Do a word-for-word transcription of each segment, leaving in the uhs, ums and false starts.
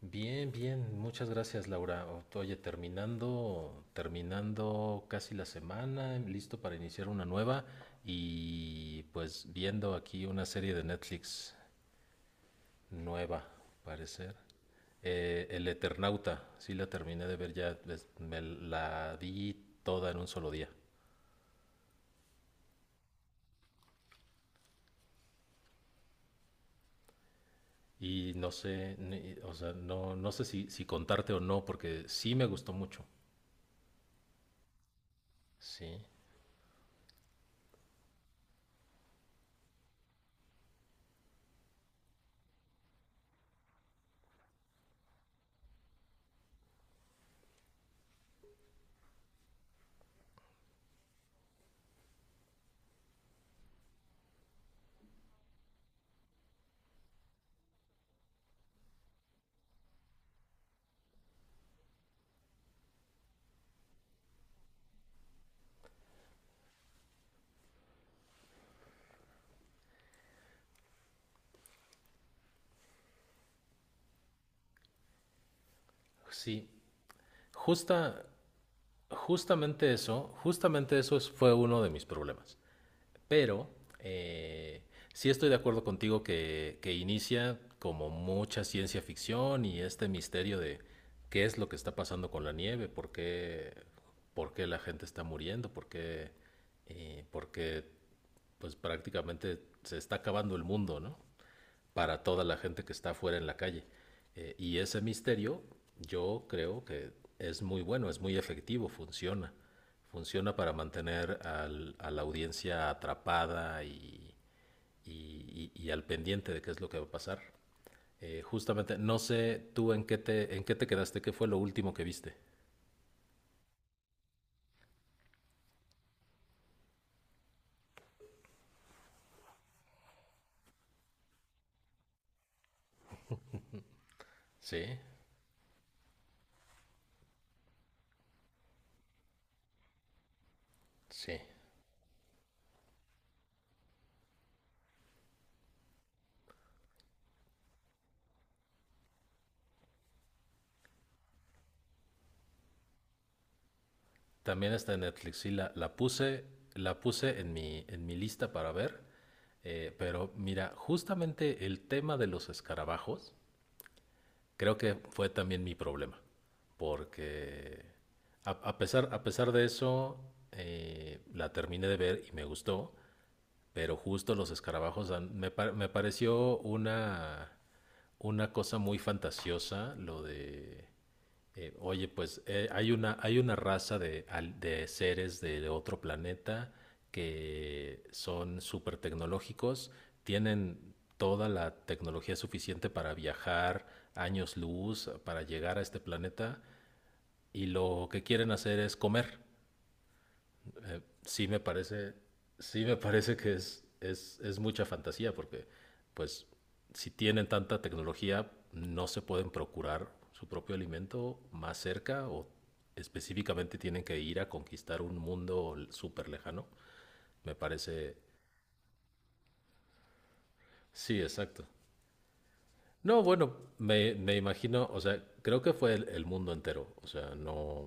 Bien, bien, muchas gracias Laura. O- Oye, terminando, terminando casi la semana, listo para iniciar una nueva y pues viendo aquí una serie de Netflix nueva, parecer. Eh, El Eternauta, sí la terminé de ver ya, es- me la di toda en un solo día. Y no sé, ni- o sea, no, no sé si, si contarte o no, porque sí me gustó mucho. Sí, sí. Justa, Justamente eso, justamente eso es- fue uno de mis problemas. Pero eh, sí estoy de acuerdo contigo que, que inicia como mucha ciencia ficción y este misterio de qué es lo que está pasando con la nieve, por qué, por qué la gente está muriendo, por qué, eh, por qué, pues prácticamente se está acabando el mundo, ¿no? Para toda la gente que está afuera en la calle. Eh, y ese misterio yo creo que es muy bueno, es muy efectivo, funciona. Funciona para mantener al- a la audiencia atrapada y, y- y- y al pendiente de qué es lo que va a pasar. Eh, justamente, no sé tú en qué te, en qué te quedaste, qué fue lo último que viste. Sí, sí. También está en Netflix, sí, la, la puse, la puse en mi, en mi lista para ver, eh, pero mira, justamente el tema de los escarabajos creo que fue también mi problema, porque a, a pesar, a pesar de eso, eh, la terminé de ver y me gustó, pero justo los escarabajos dan- me, par- me pareció una, una cosa muy fantasiosa lo de, eh, oye, pues eh, hay una, hay una raza de, al- de seres de otro planeta que son súper tecnológicos, tienen toda la tecnología suficiente para viajar años luz, para llegar a este planeta, y lo que quieren hacer es comer eh, sí me parece, sí me parece que es, es, es mucha fantasía, porque pues si tienen tanta tecnología, no se pueden procurar su propio alimento más cerca o específicamente tienen que ir a conquistar un mundo súper lejano. Me parece, sí, exacto. No, bueno, me, me imagino, o sea, creo que fue el, el mundo entero, o sea, no,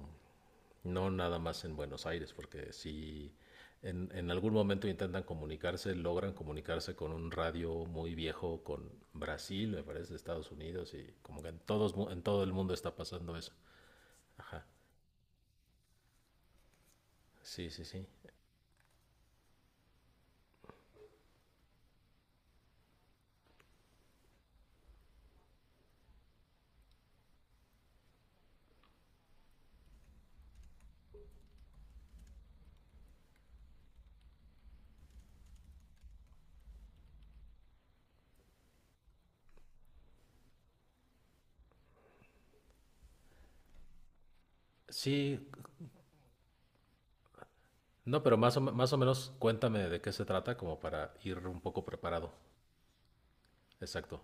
no nada más en Buenos Aires, porque si en, en algún momento intentan comunicarse, logran comunicarse con un radio muy viejo, con Brasil, me parece, Estados Unidos, y como que en, todos, mu- en todo el mundo está pasando eso. Ajá, sí, sí, sí. Sí, no, pero más o, me- más o menos cuéntame de qué se trata, como para ir un poco preparado. Exacto.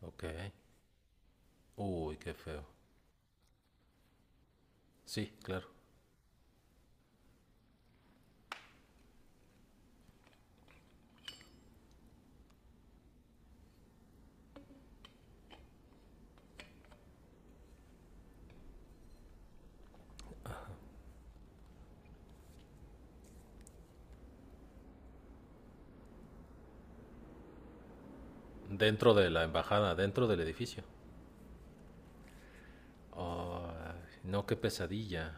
Ok. Uy, qué feo. Sí, claro. Dentro de la embajada, dentro del edificio. No, qué pesadilla.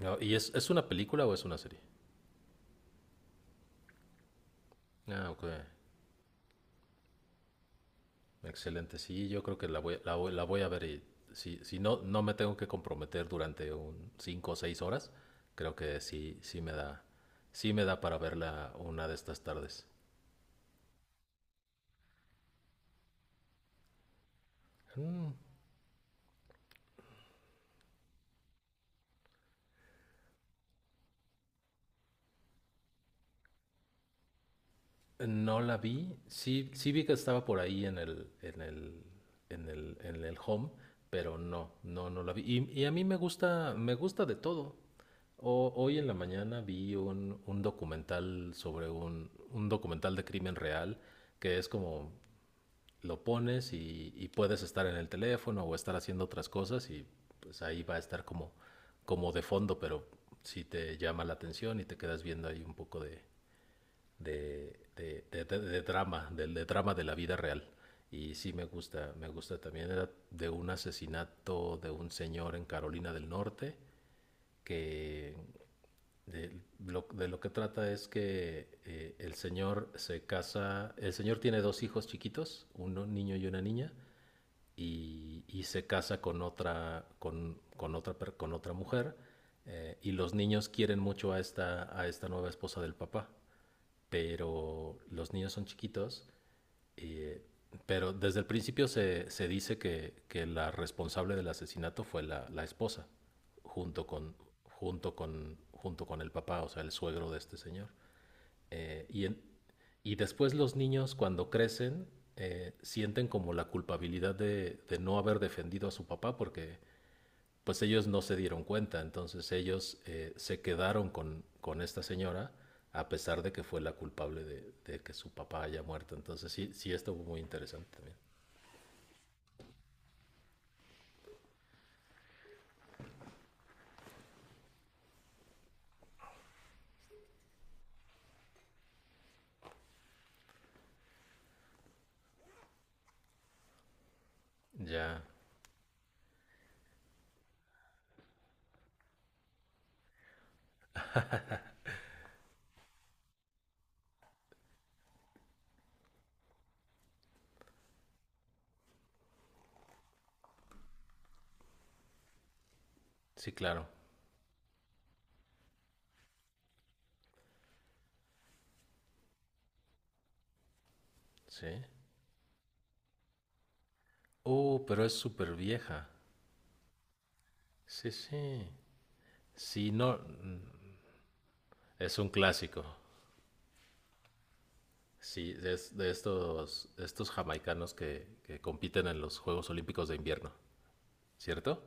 No, ¿y es, es una película o es una serie? Ah, ok. Excelente. Sí, yo creo que la voy, la voy, la voy a ver y si, si no, no me tengo que comprometer durante un cinco o seis horas, creo que sí, sí me da, sí me da para verla una de estas tardes. Mm, no la vi. Sí, sí vi que estaba por ahí en el, en el, en el, en el home, pero no, no, no la vi. Y, y a mí me gusta, me gusta de todo. O- hoy en la mañana vi un, un documental sobre un, un documental de crimen real que es como lo pones y, y puedes estar en el teléfono o estar haciendo otras cosas y pues ahí va a estar como, como de fondo, pero si te llama la atención y te quedas viendo ahí un poco de, de, de, de, de de drama, de, de drama de la vida real. Y sí me gusta, me gusta también. Era de un asesinato de un señor en Carolina del Norte que de lo, de lo que trata es que eh, el señor se casa, el señor tiene dos hijos chiquitos, un niño y una niña, y, y se casa con otra, con, con otra, per- con otra mujer, eh, y los niños quieren mucho a esta, a esta nueva esposa del papá, pero los niños son chiquitos, eh, pero desde el principio se, se dice que, que, la responsable del asesinato fue la, la esposa, junto con, junto, con, junto con el papá, o sea, el suegro de este señor. Eh, y, en, y después los niños cuando crecen eh, sienten como la culpabilidad de, de, no haber defendido a su papá porque pues ellos no se dieron cuenta, entonces ellos eh, se quedaron con, con esta señora a pesar de que fue la culpable de, de que su papá haya muerto. Entonces sí, sí estuvo muy interesante también. Ya, sí, claro, sí. Oh, pero es súper vieja. Sí, sí. Sí, no, mm, es un clásico. Sí, es de estos, estos jamaicanos que, que compiten en los Juegos Olímpicos de invierno, ¿cierto?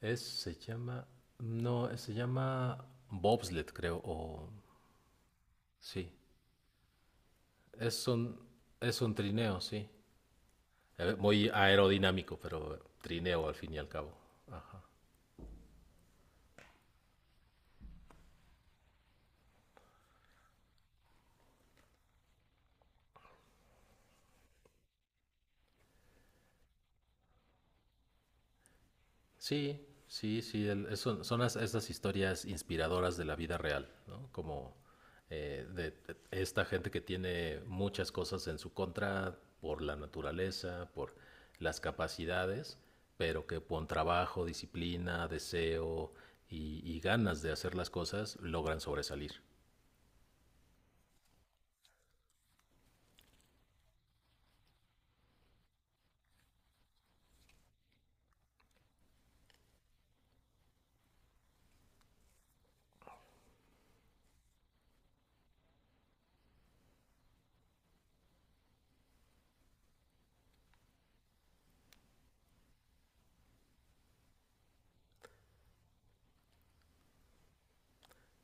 Es, se llama, no, se llama bobsled, creo, o sí. Es un, es un trineo, sí. Eh, muy aerodinámico, pero trineo al fin y al cabo. Ajá. Sí, sí, sí, el- es- son, son las- esas historias inspiradoras de la vida real, ¿no? Como eh, de, de esta gente que tiene muchas cosas en su contra por la naturaleza, por las capacidades, pero que con trabajo, disciplina, deseo y, y ganas de hacer las cosas logran sobresalir.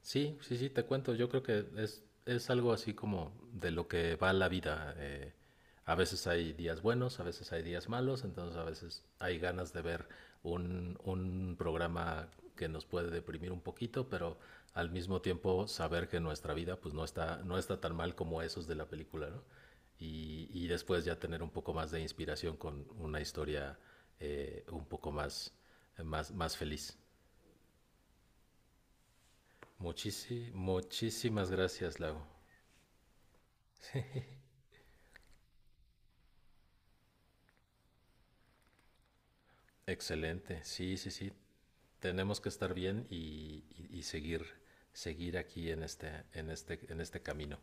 Sí, sí, sí, te cuento. Yo creo que es, es algo así como de lo que va la vida. Eh, a veces hay días buenos, a veces hay días malos, entonces a veces hay ganas de ver un, un programa que nos puede deprimir un poquito, pero al mismo tiempo saber que nuestra vida pues no está, no está tan mal como esos de la película, ¿no? Y, y después ya tener un poco más de inspiración con una historia eh, un poco más, más, más feliz. Muchísi- muchísimas gracias, Lago. Excelente, sí, sí, sí. Tenemos que estar bien y, y- y seguir, seguir aquí en este, en este, en este camino.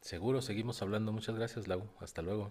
Seguro, seguimos hablando. Muchas gracias, Lau. Hasta luego.